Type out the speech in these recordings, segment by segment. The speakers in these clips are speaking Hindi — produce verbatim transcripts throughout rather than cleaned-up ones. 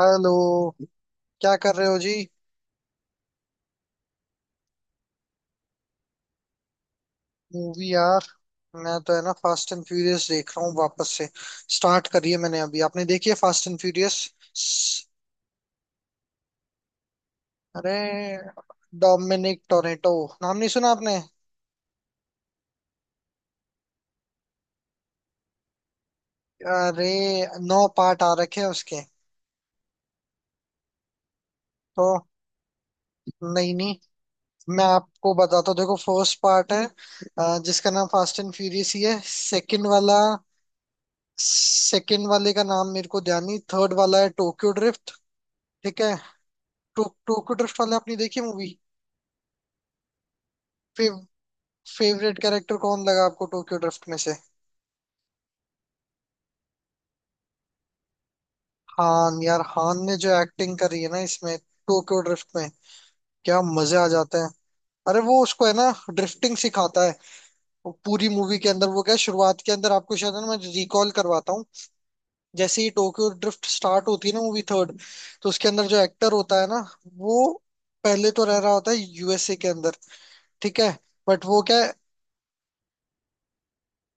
हेलो। क्या कर रहे हो जी? मूवी यार। मैं तो है ना फास्ट एंड फ्यूरियस देख रहा हूँ वापस से। स्टार्ट करी है मैंने अभी। आपने देखी है फास्ट एंड फ्यूरियस? अरे डोमिनिक टोरेटो, नाम नहीं सुना आपने? अरे नौ पार्ट आ रखे हैं उसके। तो नहीं नहीं, मैं आपको बताता हूँ। देखो, फर्स्ट पार्ट है, अ, जिसका नाम फास्ट एंड फ्यूरियस ही है। सेकंड वाला, सेकंड वाले का नाम मेरे को ध्यान नहीं। थर्ड वाला है टोक्यो ड्रिफ्ट। ठीक है। टो, टोक्यो ड्रिफ्ट वाले आपने देखी मूवी? फेव, फेवरेट कैरेक्टर कौन लगा आपको टोक्यो ड्रिफ्ट में से? हान यार, हान ने जो एक्टिंग करी है ना इसमें टोक्यो ड्रिफ्ट में, क्या मजे आ जाते हैं। अरे, वो उसको है ना ड्रिफ्टिंग सिखाता है। वो पूरी मूवी के अंदर, वो क्या, शुरुआत के अंदर आपको शायद, है ना, मैं रिकॉल करवाता हूँ। जैसे ही टोक्यो ड्रिफ्ट स्टार्ट होती है ना मूवी थर्ड, तो उसके अंदर जो एक्टर होता है ना, वो पहले तो रह रहा होता है यूएसए के अंदर। ठीक है। बट वो क्या है,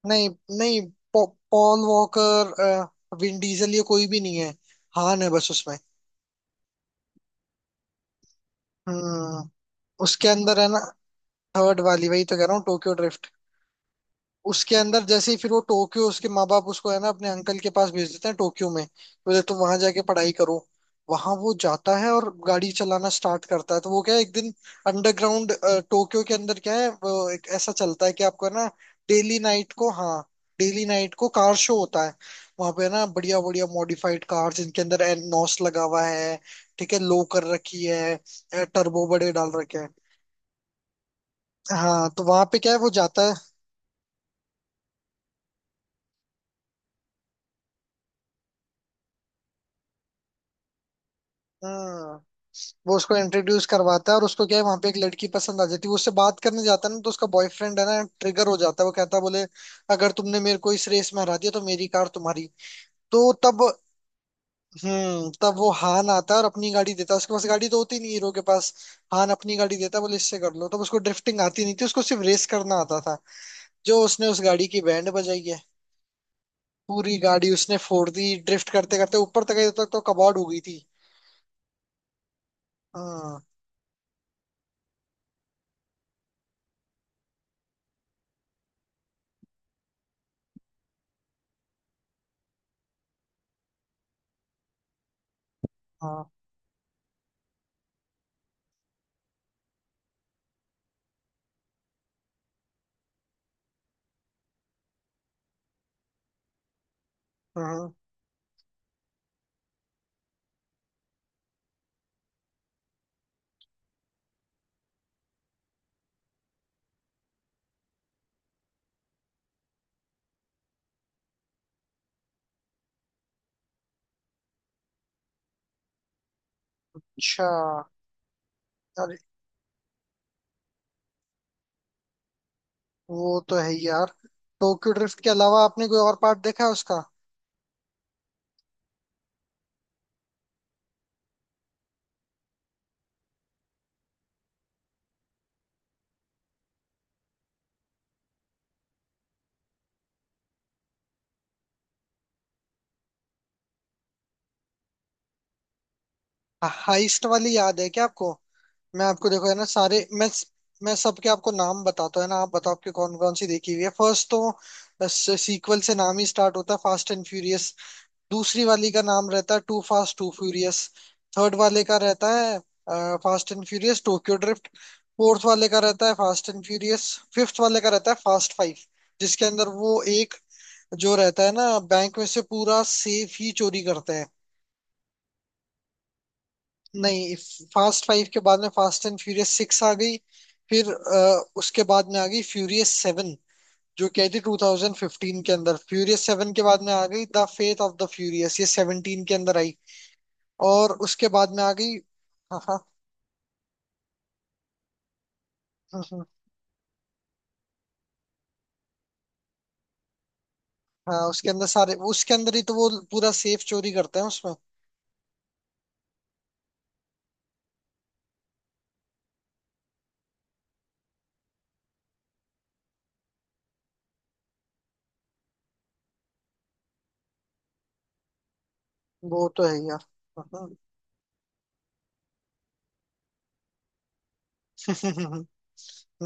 नहीं नहीं, पौ, पॉल वॉकर, अ, विन डीजल, ये कोई भी नहीं है। हान है बस उसमें। हम्म उसके अंदर है ना, थर्ड वाली, वही तो कह रहा हूँ, टोक्यो ड्रिफ्ट। उसके अंदर जैसे ही फिर वो टोक्यो, उसके माँ बाप उसको है ना अपने अंकल के पास भेज देते हैं टोक्यो में। बोले तुम वहां जाके पढ़ाई करो। वहां वो जाता है और गाड़ी चलाना स्टार्ट करता है। तो वो क्या है, एक दिन अंडरग्राउंड टोक्यो के अंदर क्या है, वो एक ऐसा चलता है कि आपको है ना, डेली नाइट को, हाँ, डेली नाइट को कार शो होता है। वहां पे है ना बढ़िया बढ़िया मॉडिफाइड कार, जिनके अंदर एनोस लगा हुआ है। ठीक है, लो कर रखी है, टर्बो बड़े डाल रखे हैं। हाँ, तो वहां पे क्या है, वो जाता है। हम्म। वो उसको इंट्रोड्यूस करवाता है, और उसको क्या है वहां पे एक लड़की पसंद आ जाती है। वो उससे बात करने जाता है ना, तो उसका बॉयफ्रेंड है ना ट्रिगर हो जाता है। वो कहता है, बोले, अगर तुमने मेरे को इस रेस में हरा दिया तो मेरी कार तुम्हारी। तो तब, हम्म तब वो हान आता है और अपनी गाड़ी देता है। उसके पास गाड़ी तो होती नहीं हीरो के पास। हान अपनी गाड़ी देता है, बोले इससे कर लो। तब उसको ड्रिफ्टिंग आती नहीं थी, उसको सिर्फ रेस करना आता था। जो उसने उस गाड़ी की बैंड बजाई है, पूरी गाड़ी उसने फोड़ दी। ड्रिफ्ट करते करते ऊपर तक गई, तब तक तो कबाड़ हो गई थी। हाँ हाँ हाँ हाँ। अच्छा। वो तो है ही यार। टोक्यो ड्रिफ्ट के अलावा आपने कोई और पार्ट देखा है उसका? हाइस्ट वाली याद है क्या आपको? मैं आपको देखो है ना सारे, मैं मैं सबके आपको नाम बताता हूँ है ना, आप बताओ आपकी कौन कौन सी देखी हुई है? फर्स्ट तो बस, सीक्वल से नाम ही स्टार्ट होता है फास्ट एंड फ्यूरियस। दूसरी वाली का नाम रहता है two Fast two Furious. Third वाले का रहता है Fast and Furious Tokyo Drift. Fourth वाले का रहता है फास्ट एंड फ्यूरियस। फिफ्थ वाले का रहता है फास्ट फाइव, जिसके अंदर वो एक जो रहता है ना, बैंक में से पूरा सेफ ही चोरी करते हैं। नहीं, फास्ट फाइव के बाद में फास्ट एंड फ्यूरियस सिक्स आ गई। फिर अ, उसके बाद में आ गई फ्यूरियस सेवन, जो कि आई थी ट्वेंटी फ़िफ्टीन के अंदर। फ्यूरियस सेवन के बाद में आ गई the Fate of the Furious, ये सेवनटीन के अंदर आई। और उसके बाद में आ गई। हाँ हाँ। हम्म, हम्म। हाँ, उसके अंदर सारे, उसके अंदर ही तो वो पूरा सेफ चोरी करते हैं उसमें। वो तो है यार। हम्म, हम्म, हम्म।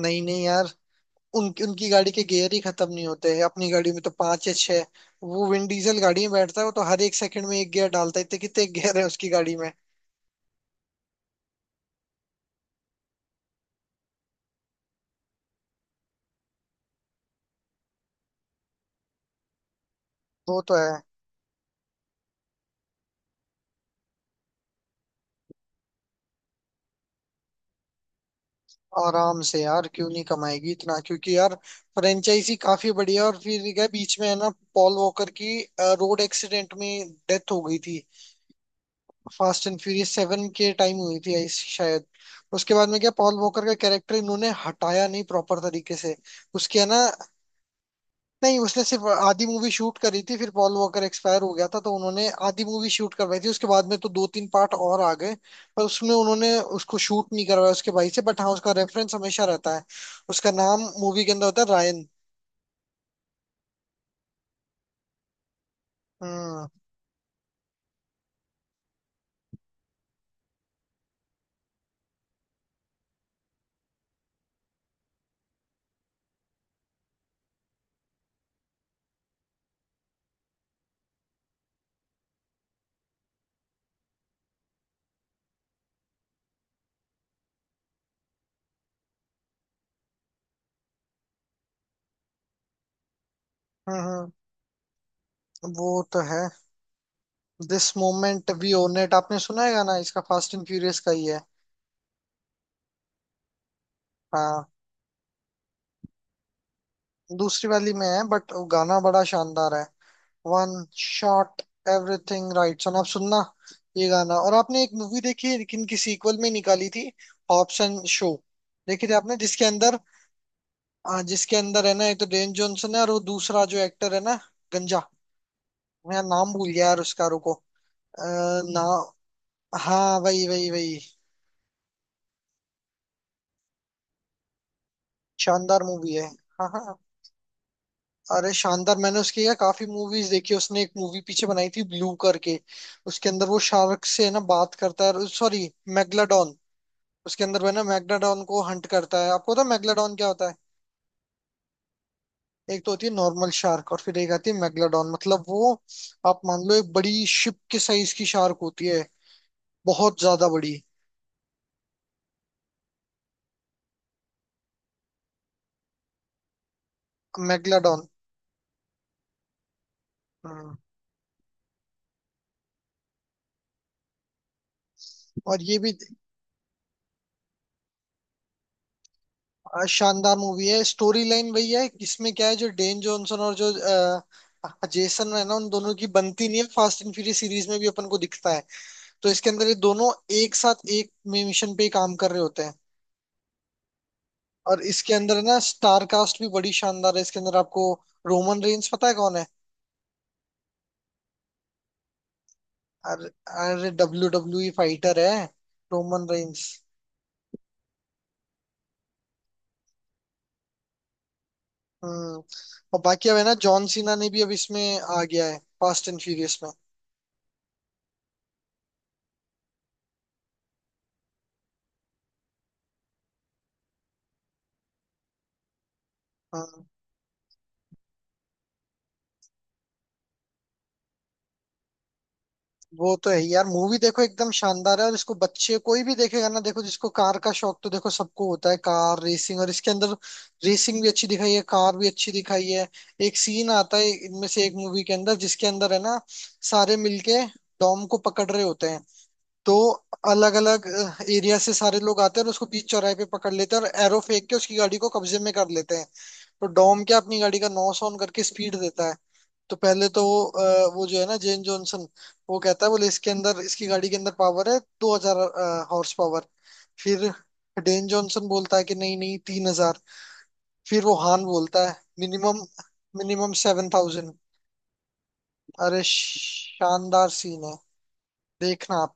नहीं नहीं यार, उनकी उनकी गाड़ी के गियर ही खत्म नहीं होते हैं। अपनी गाड़ी में तो पांच या छह। वो विंड डीजल गाड़ी में बैठता है, वो तो हर एक सेकंड में एक गियर डालता है। इतने कितने गियर है उसकी गाड़ी में? वो तो है। आराम से यार, क्यों नहीं कमाएगी इतना? क्योंकि यार फ्रेंचाइजी काफी बढ़िया है। और फिर क्या बीच में है ना, पॉल वॉकर की रोड एक्सीडेंट में डेथ हो गई थी। फास्ट एंड फ्यूरियस सेवन के टाइम हुई थी, आई- शायद। उसके बाद में क्या पॉल वॉकर का कैरेक्टर इन्होंने हटाया नहीं प्रॉपर तरीके से। उसके है ना, नहीं, उसने सिर्फ आधी मूवी शूट करी थी, फिर पॉल वॉकर एक्सपायर हो गया था, तो उन्होंने आधी मूवी शूट करवाई थी। उसके बाद में तो दो तीन पार्ट और आ गए, पर उसमें उन्होंने उसको शूट नहीं करवाया उसके भाई से, बट हाँ, उसका रेफरेंस हमेशा रहता है। उसका नाम मूवी के अंदर होता है रायन। हम्म, हम्म, हम्म। वो तो है। This moment we own it, आपने सुना है गाना? इसका फास्ट एंड फ्यूरियस का ही है। हाँ, दूसरी वाली में है, बट गाना बड़ा शानदार है। One shot everything right, so आप सुनना ये गाना। और आपने एक मूवी देखी है लेकिन की सीक्वल में निकाली थी, हॉब्स एंड शो? देखी थी आपने, जिसके अंदर, हाँ, जिसके अंदर है ना ये तो डेन जॉनसन है और वो दूसरा जो एक्टर है ना, गंजा, मैं नाम भूल गया यार उसका, रुको। आ, ना, हाँ वही वही वही। शानदार मूवी है। हाँ हाँ। अरे शानदार, मैंने उसकी यार काफी मूवीज देखी। उसने एक मूवी पीछे बनाई थी ब्लू करके, उसके अंदर वो शार्क से है ना बात करता है, सॉरी, मेगलाडॉन। उसके अंदर वो है ना मैग्नाडॉन को हंट करता है। आपको पता है मैग्नाडॉन क्या होता है? एक तो होती है नॉर्मल शार्क, और फिर एक आती है मैग्नाडॉन, मतलब वो, आप मान लो एक बड़ी शिप के साइज की शार्क होती है, बहुत ज्यादा बड़ी। मैग्नाडॉन। हम्म। और ये भी, आ, शानदार मूवी है। स्टोरी लाइन वही है, इसमें क्या है जो डेन जॉनसन और जो आ, जेसन, है ना, उन दोनों की बनती नहीं है, फास्ट एंड फ्यूरियस सीरीज में भी अपन को दिखता है। तो इसके अंदर ये दोनों एक साथ एक मिशन पे ही काम कर रहे होते हैं। और इसके अंदर ना स्टार कास्ट भी बड़ी शानदार है। इसके अंदर आपको, रोमन रेंस पता है कौन है? अरे, अरे डब्ल्यू डब्ल्यू ई फाइटर है, रोमन रेंस। हम्म। और बाकी अब है ना जॉन सीना ने भी अब इसमें आ गया है फास्ट एंड फ्यूरियस में। हम्म। वो तो है यार, मूवी देखो एकदम शानदार है। और इसको बच्चे कोई भी देखेगा ना, देखो जिसको कार का शौक, तो देखो सबको होता है कार रेसिंग, और इसके अंदर रेसिंग भी अच्छी दिखाई है, कार भी अच्छी दिखाई है। एक सीन आता है इनमें से एक मूवी के अंदर, जिसके अंदर है ना सारे मिलके डॉम को पकड़ रहे होते हैं, तो अलग अलग एरिया से सारे लोग आते हैं और उसको बीच चौराहे पे पकड़ लेते हैं, और एरो फेंक के उसकी गाड़ी को कब्जे में कर लेते हैं। तो डॉम क्या, अपनी गाड़ी का नॉस ऑन करके स्पीड देता है। तो पहले तो वो, अ, वो जो है ना जेन जॉनसन, वो कहता है, बोले इसके अंदर, इसकी गाड़ी के अंदर पावर है दो हजार हॉर्स पावर। फिर डेन जॉनसन बोलता है कि नहीं नहीं तीन हजार। फिर वो हान बोलता है, मिनिमम, मिनिमम सेवन थाउजेंड। अरे शानदार सीन है, देखना आप।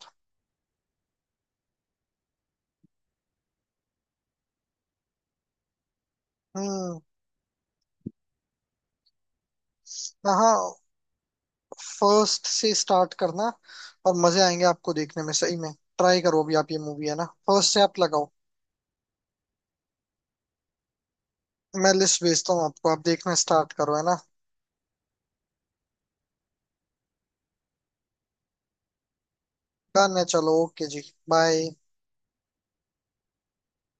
हम्म, हाँ। फर्स्ट से स्टार्ट करना, और मजे आएंगे आपको देखने में सही में। ट्राई करो अभी आप ये मूवी, है ना, फर्स्ट से आप लगाओ। मैं लिस्ट भेजता हूँ आपको, आप देखना स्टार्ट करो है ना। डन है, चलो ओके जी, बाय।